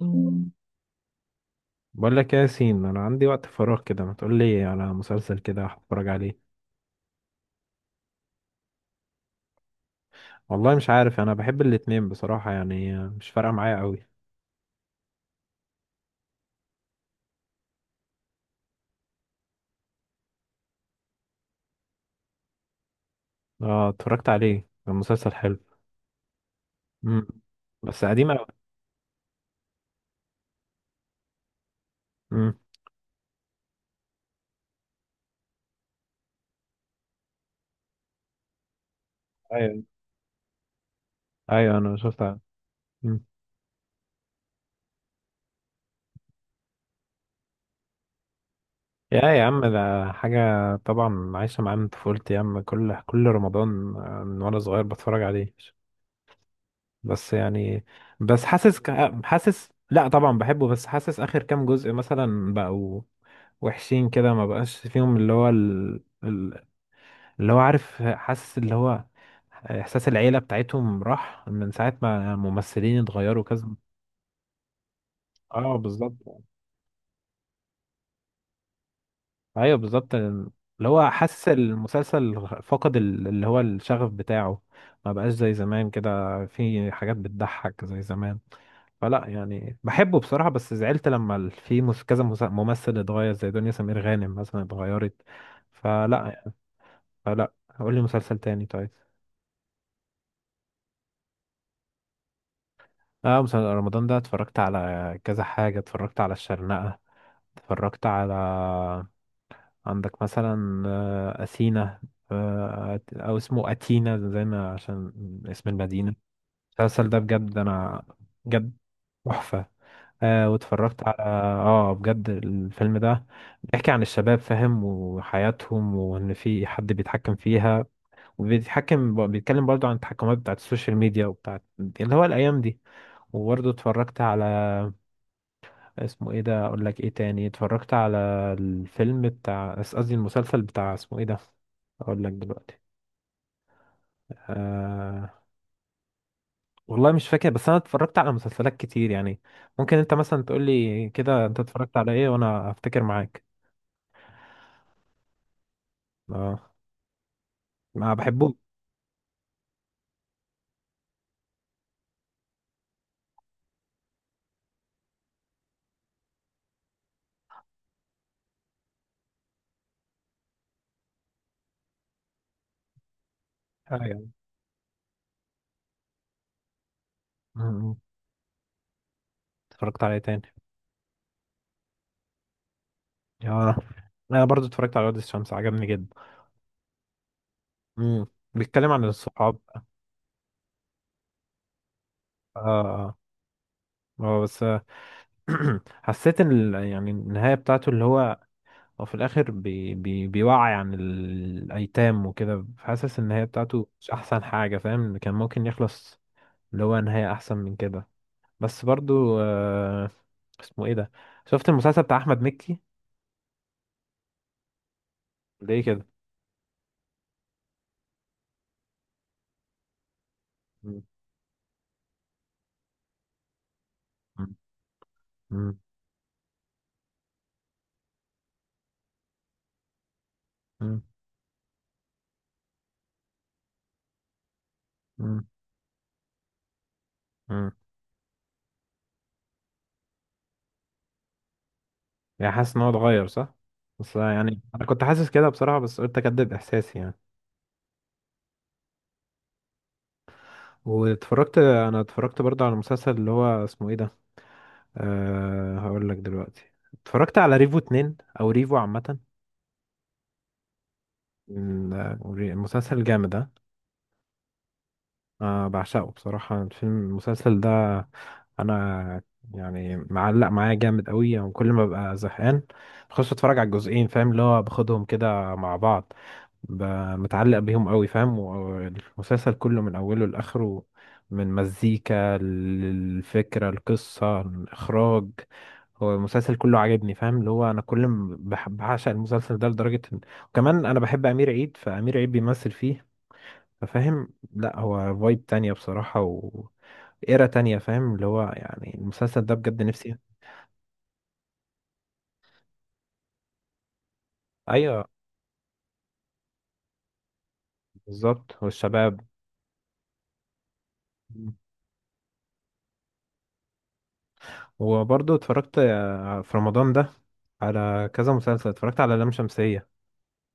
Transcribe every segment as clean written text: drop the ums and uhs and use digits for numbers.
مم. بقول لك إيه يا ياسين، انا عندي وقت فراغ كده، ما تقول لي على مسلسل كده هتفرج عليه؟ والله مش عارف، انا بحب الاتنين بصراحة، يعني مش فارقة معايا قوي. اه، اتفرجت عليه، كان مسلسل حلو. امم بس قديم قوي. امم. ايوه، ايوه، انا شفت. امم. يا عم، ده حاجة. طبعا عايشة معاه من طفولتي يا عم، كل رمضان، من وانا صغير بتفرج عليه. بس يعني. بس حاسس لا طبعا بحبه، بس حاسس اخر كام جزء مثلا بقوا وحشين كده. ما بقاش فيهم اللي هو اللي هو، عارف، حاسس اللي هو احساس العيله بتاعتهم راح من ساعه ما الممثلين اتغيروا كذا. اه بالظبط. ايوه بالظبط، اللي هو حاسس المسلسل فقد اللي هو الشغف بتاعه. ما بقاش زي زمان كده. في حاجات بتضحك زي زمان. فلا يعني بحبه بصراحة، بس زعلت لما ال- في مس- كذا مس- ممثل اتغير، زي دنيا سمير غانم مثلا اتغيرت. فلا. فلا. قول لي مسلسل تاني طيب. اه، مسلسل رمضان ده اتفرجت على كذا حاجة، اتفرجت على الشرنقة. اتفرجت على، عندك مثلا أثينا، أو اسمه أتينا، زي ما، عشان اسم المدينة. المسلسل ده بجد، أنا بجد، تحفة. واتفرجت على. اه بجد الفيلم ده بيحكي عن الشباب، فاهم، وحياتهم، وان في حد بيتحكم فيها وبيتحكم، بيتكلم برضو عن التحكمات بتاعت السوشيال ميديا وبتاعت اللي هو الايام دي. وبرضو اتفرجت على، اسمه ايه ده، اقول لك ايه تاني اتفرجت على، الفيلم بتاع، قصدي المسلسل بتاع اسمه ايه ده، اقول لك دلوقتي. آه والله مش فاكر، بس انا اتفرجت على مسلسلات كتير يعني. ممكن انت مثلا تقول لي كده انت اتفرجت على ايه، وانا افتكر معاك. اه ما بحبوش. ايوه. أمم. اتفرجت عليه تاني. اه، انا برضو اتفرجت على وادي الشمس، عجبني جدا. امم. بيتكلم عن الصحاب. اه. اه بس، حسيت ان يعني النهايه بتاعته، اللي هو، هو في الاخر بي بي بيوعي عن الايتام وكده، حاسس ان النهايه بتاعته مش احسن حاجه، فاهم، كان ممكن يخلص اللي هو نهايه احسن من كده. بس برضو اسمه ايه ده، شفت المسلسل بتاع احمد مكي؟ ليه كده؟ مم. مم. مم. مم. مم. يعني حاسس ان هو اتغير، صح، بس يعني انا كنت حاسس كده بصراحه، بس قلت اكدب احساسي يعني. انا اتفرجت برضه على المسلسل اللي هو اسمه ايه ده، هقول لك دلوقتي. اتفرجت على ريفو 2 او ريفو عامه. المسلسل الجامد ده. بعشقه بصراحة، الفيلم المسلسل ده، أنا يعني معلق معايا جامد قوي يعني. كل ما ببقى زهقان بخش أتفرج على الجزئين، فاهم، اللي هو باخدهم كده مع بعض، ب- متعلق بيهم قوي، فاهم، والمسلسل كله من أوله لآخره، من مزيكا للفكرة، القصة، الإخراج، هو المسلسل كله عاجبني، فاهم، اللي هو أنا كل ما بعشق المسلسل ده لدرجة وكمان أنا بحب أمير عيد، فأمير عيد بيمثل فيه، فاهم، لا هو فايب تانية بصراحة و ايرا تانية، فاهم، اللي هو يعني المسلسل ده بجد نفسي. ايوه بالظبط، والشباب. وبرضه اتفرجت في رمضان ده على كذا مسلسل، اتفرجت على لام شمسية،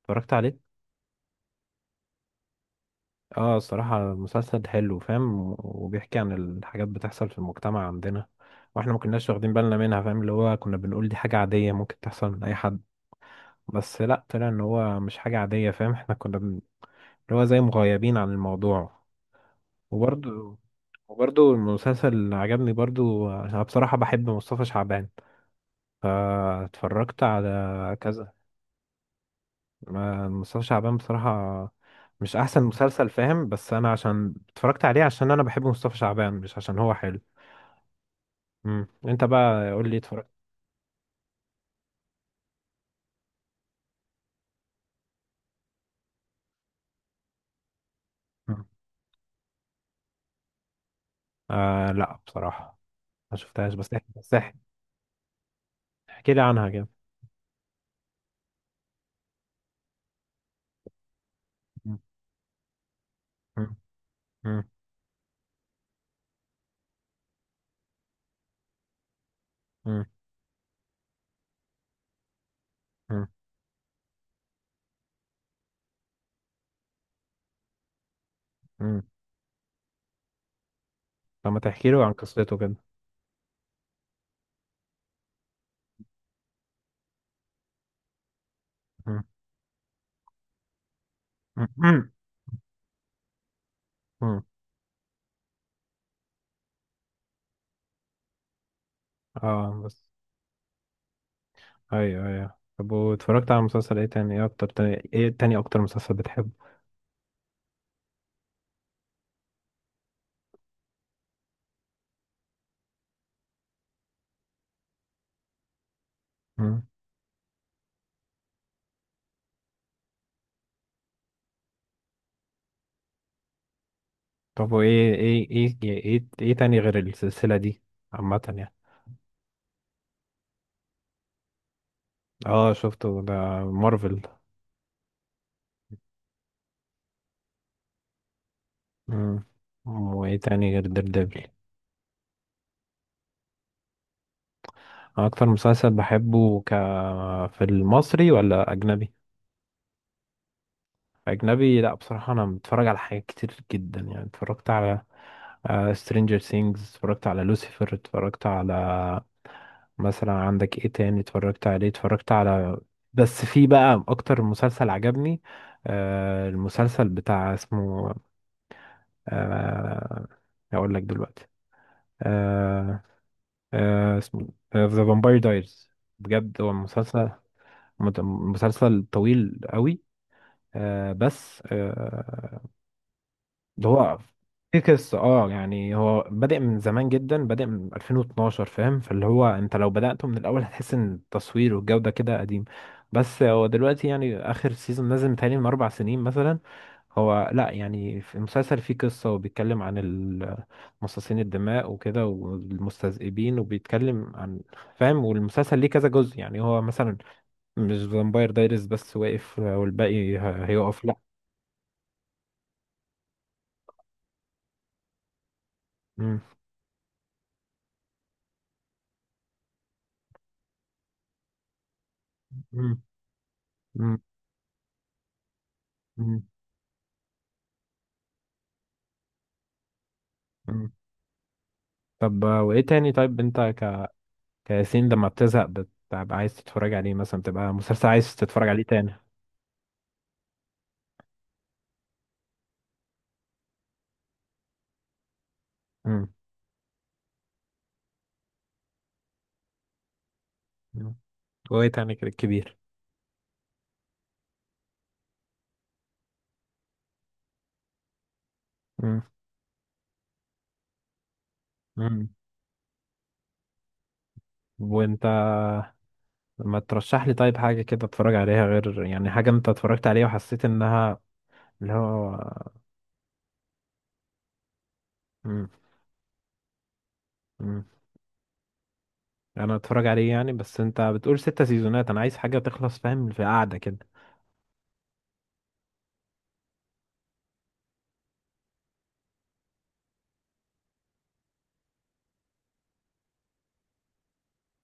اتفرجت عليه. اه الصراحة مسلسل حلو، فاهم، وبيحكي عن الحاجات بتحصل في المجتمع عندنا، واحنا ما كناش واخدين بالنا منها، فاهم، اللي هو كنا بنقول دي حاجة عادية ممكن تحصل من اي حد، بس لا، طلع ان هو مش حاجة عادية، فاهم، احنا كنا اللي هو زي مغيبين عن الموضوع. وبرضو وبرضو المسلسل اللي عجبني برضو، أنا بصراحة بحب مصطفى شعبان فاتفرجت على كذا. مصطفى شعبان بصراحة، مش أحسن مسلسل، فاهم، بس أنا عشان اتفرجت عليه عشان أنا بحب مصطفى شعبان، مش عشان هو حلو. مم. أنت بقى قول لي، اتفرجت؟ مم. لا بصراحة، ما شفتهاش، بس احكي، احكي لي عنها كده. مم. مم. مم. مم. مم. مم. طب ما تحكي لي عن قصته كده. مم. مم. مم. اه بس. ايوه، ايوه، طب واتفرجت على مسلسل ايه تاني، اكتر مسلسل بتحبه؟ مم. طب وايه ايه ايه ايه ايه إيه تاني غير السلسلة دي، عامة يعني. اه شفته ده، مارفل. مم. وايه تاني غير دير ديفل؟ اكتر مسلسل بحبه في المصري ولا اجنبي؟ أجنبي، لأ بصراحة أنا متفرج على حاجات كتير جدا يعني، اتفرجت على سترينجر ثينجز، اتفرجت على لوسيفر، اتفرجت على، مثلا عندك ايه تاني اتفرجت عليه، اتفرجت على، بس في بقى أكتر مسلسل عجبني، المسلسل بتاع اسمه، آه هقول لك دلوقتي. آه اسمه ذا فامباير دايرز. بجد هو مسلسل، مسلسل طويل قوي. بس ده هو في قصة، اه يعني هو بادئ من زمان جدا، بادئ من 2012، فاهم، فاللي هو انت لو بدأته من الأول هتحس ان التصوير والجودة كده قديم. بس هو دلوقتي يعني آخر سيزون نازل متهيألي من 4 سنين مثلا. هو لا يعني، في المسلسل فيه قصة وبيتكلم عن مصاصين الدماء وكده، والمستذئبين، وبيتكلم عن، فاهم، والمسلسل ليه كذا جزء، يعني هو مثلا، مش فامباير دايرز بس واقف والباقي هيقف، لا. مم. مم. مم. مم. طب وايه تاني طيب، انت كياسين، لما بتزهق بتبقى عايز تتفرج عليه مثلا، بتبقى مسلسل عايز تتفرج عليه تاني؟ امم. أمم. وايه تاني كده كبير؟ امم. أمم. وانت ما ترشح لي طيب حاجة كده اتفرج عليها، غير يعني حاجة انت اتفرجت عليها وحسيت انها، اللي هو. امم. أمم. انا اتفرج عليه يعني، بس انت بتقول 6 سيزونات، انا عايز حاجة تخلص، فاهم، في قعدة كده.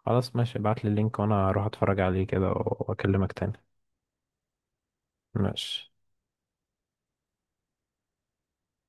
خلاص ماشي، ابعت لي اللينك وانا اروح اتفرج عليه كده واكلمك تاني. ماشي.